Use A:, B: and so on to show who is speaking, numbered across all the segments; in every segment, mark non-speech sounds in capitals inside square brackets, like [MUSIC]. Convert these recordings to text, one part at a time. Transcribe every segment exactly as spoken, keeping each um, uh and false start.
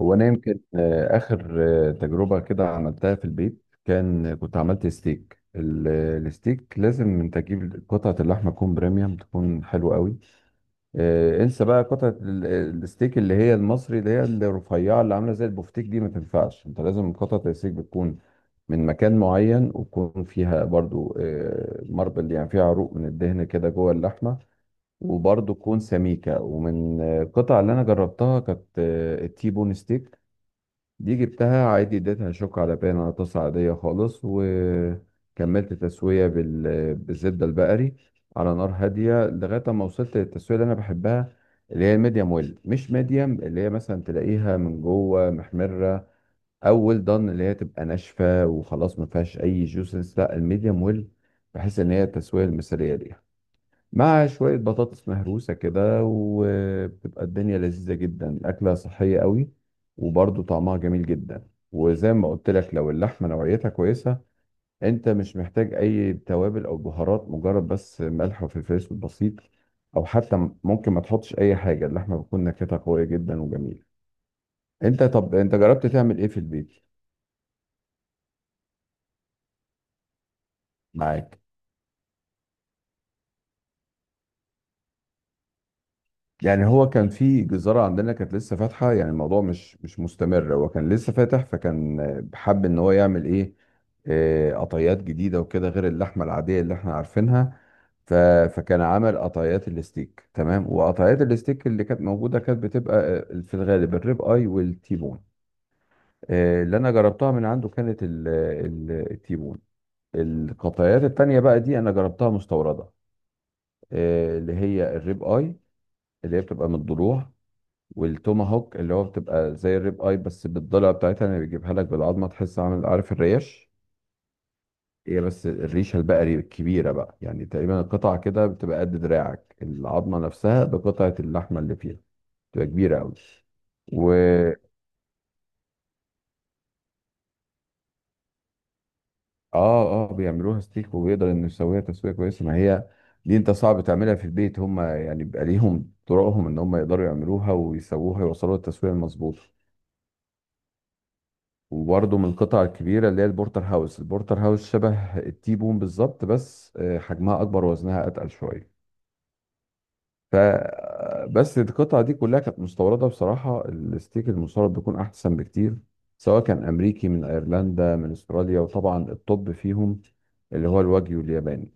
A: هو انا يمكن آه، اخر آه، تجربه كده عملتها في البيت. كان كنت عملت ستيك ال- الستيك. لازم انت تجيب قطعه اللحمه تكون بريميوم، تكون حلوه قوي. آه، انسى بقى قطعه ال- الستيك اللي هي المصري، اللي هي الرفيعه اللي عامله زي البفتيك دي، ما تنفعش. انت لازم قطعه الستيك بتكون من مكان معين، ويكون فيها برضو آه، ماربل، يعني فيها عروق من الدهن كده جوه اللحمه. وبرضو تكون سميكه. ومن آه، القطع اللي انا جربتها، كانت آه، التيبون ستيك. دي جبتها عادي، اديتها شوك على بان على طاسة عادية خالص، وكملت تسوية بال... بالزبدة البقري، على نار هادية لغاية ما وصلت للتسوية اللي أنا بحبها، اللي هي الميديم ويل. مش ميديم اللي هي مثلا تلاقيها من جوه محمرة، أو ويل دان اللي هي تبقى ناشفة وخلاص ما فيهاش أي جوسنس، لا الميديم ويل. بحس إن هي التسوية المثالية ليها، مع شوية بطاطس مهروسة كده، وبتبقى الدنيا لذيذة جدا. أكلة صحية قوي، وبرضه طعمها جميل جدا. وزي ما قلت لك، لو اللحمة نوعيتها كويسة، أنت مش محتاج أي توابل أو بهارات، مجرد بس ملح وفلفل أسود بسيط، أو حتى م- ممكن ما تحطش أي حاجة. اللحمة بتكون نكهتها قوية جدا وجميلة. أنت، طب أنت جربت تعمل إيه في البيت؟ معاك؟ يعني هو كان في جزارة عندنا كانت لسه فاتحة. يعني الموضوع مش مش مستمر، هو كان لسه فاتح. فكان حب ان هو يعمل ايه؟ آه، قطيات جديدة وكده، غير اللحمة العادية اللي احنا عارفينها. ف... فكان عمل قطيات الستيك، تمام. وقطيات الستيك اللي كانت موجودة كانت بتبقى آه، في الغالب الريب اي والتيبون. آه، اللي انا جربتها من عنده كانت ال... ال- التيبون. القطيات التانية بقى دي انا جربتها مستوردة، آه، اللي هي الريب اي، اللي هي بتبقى من الضلوع، والتوماهوك اللي هو بتبقى زي الريب اي بس بالضلع بتاعتها، اللي بيجيبها لك بالعظمه. تحس عامل، عارف، الريش؟ هي بس الريشه البقري الكبيره بقى. يعني تقريبا القطعه كده بتبقى قد دراعك، العظمه نفسها بقطعه اللحمه اللي فيها، بتبقى كبيره قوي. و اه اه، بيعملوها ستيك، وبيقدر انه يسويها تسويه كويسه. ما هي دي انت صعب تعملها في البيت. هم يعني بيبقى ليهم طرقهم ان هم يقدروا يعملوها ويسووها، يوصلوا للتسويه المظبوطه. وبرضه من القطع الكبيرة اللي هي البورتر هاوس. البورتر هاوس شبه التيبون بالظبط، بس آه، حجمها أكبر ووزنها أتقل شوية. ف آه، بس القطعة دي كلها كانت مستوردة. بصراحة الستيك المستورد بيكون أحسن بكتير، سواء كان أمريكي، من أيرلندا، من أستراليا. وطبعا الطب فيهم اللي هو الواجيو الياباني،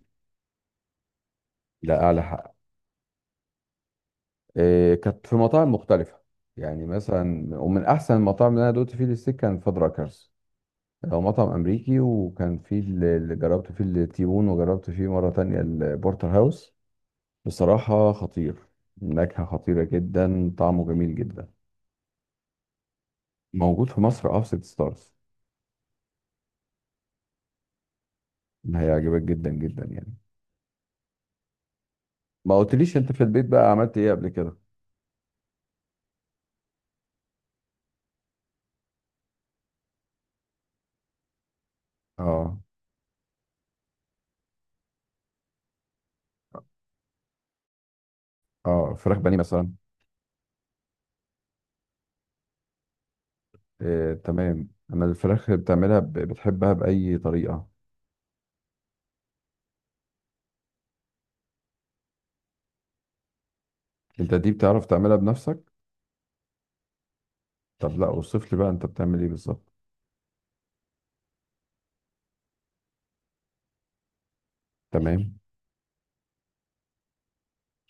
A: ده أعلى حق. آه، كانت في مطاعم مختلفة، يعني مثلا. ومن أحسن المطاعم اللي أنا دوت فيه الستيك كان فادراكرز. هو مطعم امريكي، وكان فيه اللي اللي جربت فيه التيبون، وجربت فيه مره تانية البورتر هاوس. بصراحه خطير، النكهه خطيره جدا، طعمه جميل جدا. موجود في مصر، اه، في ست ستارز. هيعجبك جدا جدا يعني. ما قلتليش انت في البيت بقى عملت ايه قبل كده؟ اه اه. فراخ بانيه مثلا؟ آه تمام. اما الفراخ اللي بتعملها ب- بتحبها باي طريقه؟ انت دي بتعرف تعملها بنفسك؟ طب لا، اوصف لي بقى انت بتعمل ايه بالظبط. تمام.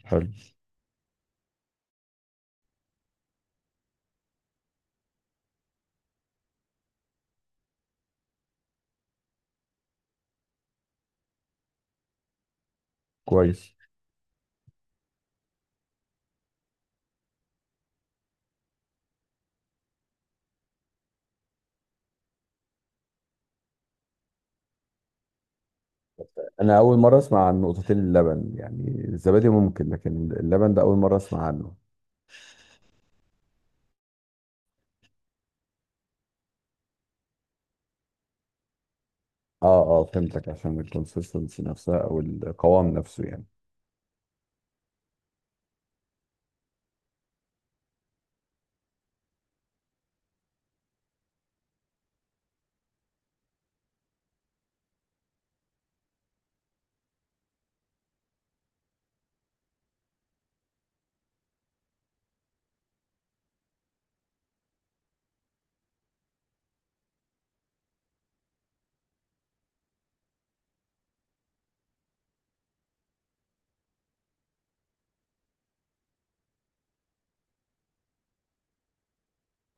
A: حلو. كويس. انا اول مره اسمع عن نقطتين اللبن. يعني الزبادي ممكن، لكن اللبن ده اول مره اسمع عنه. اه اه، فهمتك، عشان الكونسيستنسي نفسها او القوام نفسه يعني.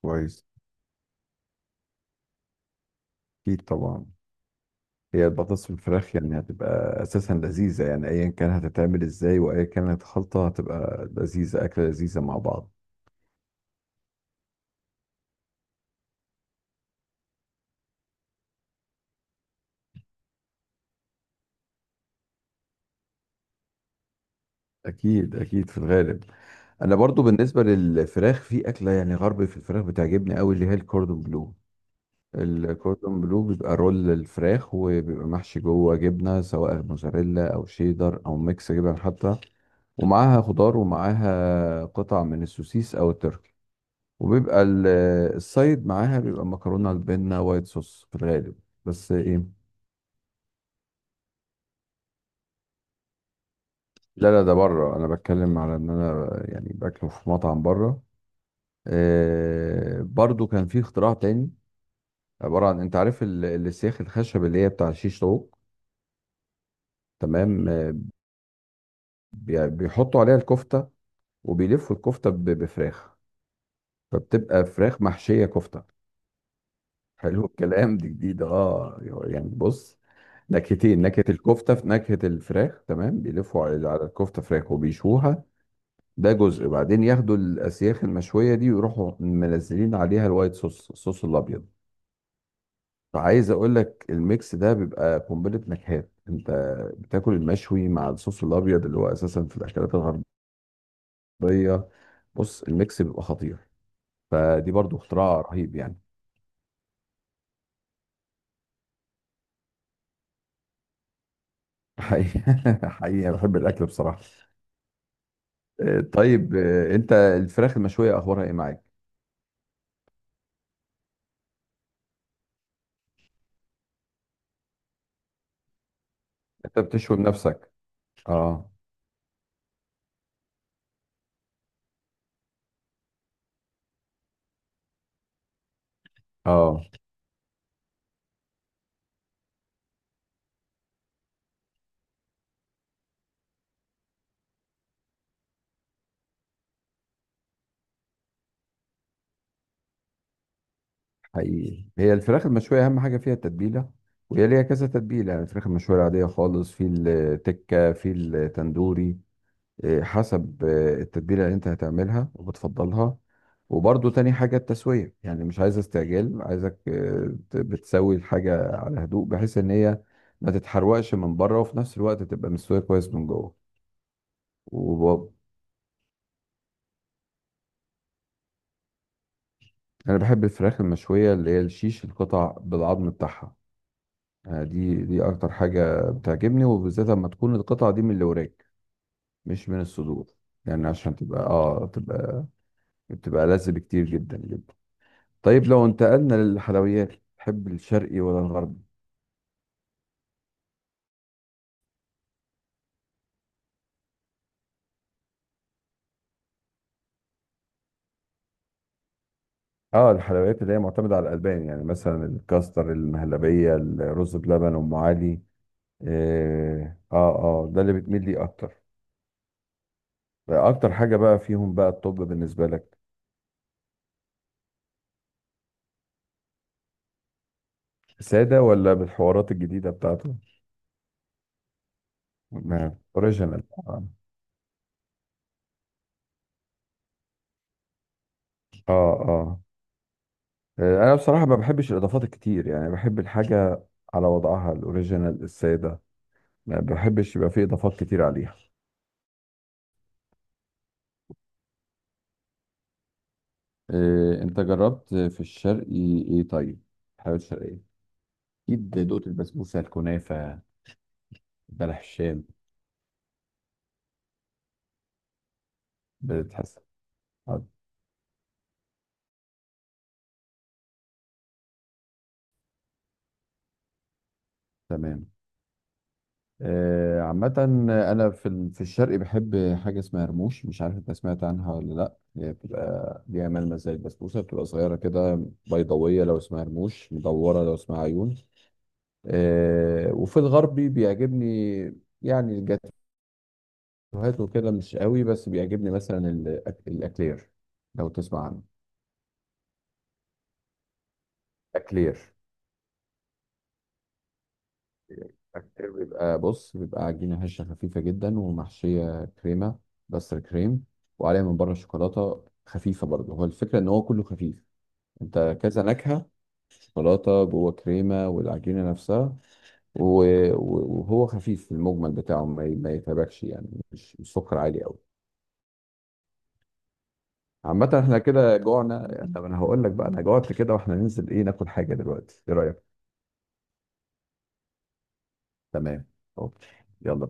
A: كويس. اكيد طبعا. هي البطاطس بالفراخ يعني هتبقى اساسا لذيذه، يعني ايا كان هتتعمل ازاي وايا كانت الخلطه، هتبقى لذيذه، اكله لذيذه مع بعض. اكيد اكيد، في الغالب. انا برضو بالنسبه للفراخ في اكله يعني غرب في الفراخ بتعجبني قوي، اللي هي الكوردون بلو. الكوردون بلو بيبقى رول للفراخ، وبيبقى محشي جوه جبنة، سواء موزاريلا أو شيدر أو ميكس جبن حتى. ومعاها خضار، ومعاها قطع من السوسيس أو التركي. وبيبقى ال- السايد معاها بيبقى مكرونة البنة وايت صوص في الغالب. بس إيه. لا لا، ده بره، أنا بتكلم على إن أنا يعني باكله في مطعم بره. آه برضو كان في اختراع تاني، عبارة عن أنت عارف ال- السياخ الخشب اللي هي بتاع شيش طاووق؟ تمام. آه، بي- بيحطوا عليها الكفتة، وبيلفوا الكفته ب- بفراخ. فبتبقى فراخ محشيه كفته. حلو الكلام، دي جديد، اه. يعني بص، نكهتين، نكهه الكفته في نكهه الفراخ. تمام، بيلفوا على على الكفته فراخ، وبيشوها. ده جزء، بعدين ياخدوا الاسياخ المشويه دي ويروحوا منزلين عليها الوايت صوص، الصوص الابيض. فعايز اقول لك الميكس ده بيبقى قنبله نكهات. انت بتاكل المشوي مع الصوص الابيض اللي هو اساسا في الاكلات الغربيه. بص الميكس بيبقى خطير. فدي برضو اختراع رهيب يعني. حقيقة، [LAUGHS] حقيقة بحب الأكل بصراحة. آه، طيب، آه، أنت الفراخ المشوية أخبارها إيه معاك؟ أنت بتشوي بنفسك؟ أه أه. حقيقي، هي الفراخ المشوية أهم حاجة فيها التتبيلة. وهي ليها كذا تتبيلة، يعني الفراخ المشوية العادية خالص، في التكة، في التندوري. إيه، حسب آه، التتبيلة اللي انت هتعملها وبتفضلها. وبرضو تاني حاجة التسوية، يعني مش عايز استعجال، عايزك آه، ت- بتسوي الحاجة على هدوء، بحيث ان هي ما تتحرقش من بره، وفي نفس الوقت تبقى مستوية كويس من جوه. وب... انا بحب الفراخ المشوية اللي هي الشيش، القطع بالعظم بتاعها. آه، دي دي اكتر حاجة بتعجبني، وبالذات لما تكون القطعة دي من الوراك، مش من الصدور. يعني عشان تبقى اه تبقى بتبقى لذ بكتير جدا جدا. طيب لو انتقلنا للحلويات، تحب الشرقي ولا الغربي؟ اه. الحلويات اللي هي معتمدة على الألبان، يعني مثلا الكاستر، المهلبية، الرز بلبن، أم علي. اه اه. آه، ده اللي بتميل ليه أكتر؟ أكتر حاجة بقى فيهم بقى الطب بالنسبة لك؟ سادة ولا بالحوارات الجديدة بتاعته؟ أوريجينال، اه. اه. آه. آه، أنا بصراحة ما بحبش الإضافات الكتير، يعني بحب الحاجة على وضعها الأوريجينال السادة. ما بحبش يبقى فيه إضافات كتير عليها. إيه، انت جربت في الشرقي ايه طيب؟ الحلويات الشرقية؟ اكيد دقت البسبوسه، الكنافه، بلح الشام. بتحس؟ آه، تمام. آه، عامة أنا في ال- في الشرق بحب حاجة اسمها رموش. مش عارف أنت سمعت عنها ولا لأ. هي بتبقى ليها ملمس زي البسبوسة، بتبقى صغيرة كده بيضاوية لو اسمها رموش، مدورة لو اسمها عيون. آه، وفي الغربي بيعجبني يعني الجاتوهات وكده، مش قوي، بس بيعجبني مثلا الأك- الأكلير، لو تسمع عنه. اكلير؟ اكلير بيبقى، بص، بيبقى عجينه هشه خفيفه جدا ومحشيه كريمه، بس كريم، وعليها من بره شوكولاته خفيفه برضه. هو الفكره ان هو كله خفيف. انت كذا نكهه، شوكولاته، جوه كريمه، والعجينه نفسها. و- و- وهو خفيف في المجمل بتاعه، ما ي- ما يتعبكش، يعني مش مش سكر عالي قوي. عامة احنا كده جوعنا يعني، طب انا هقول لك بقى، انا جوعت كده، واحنا ننزل ايه ناكل حاجة دلوقتي، ايه رأيك؟ تمام. اوكي. يلا.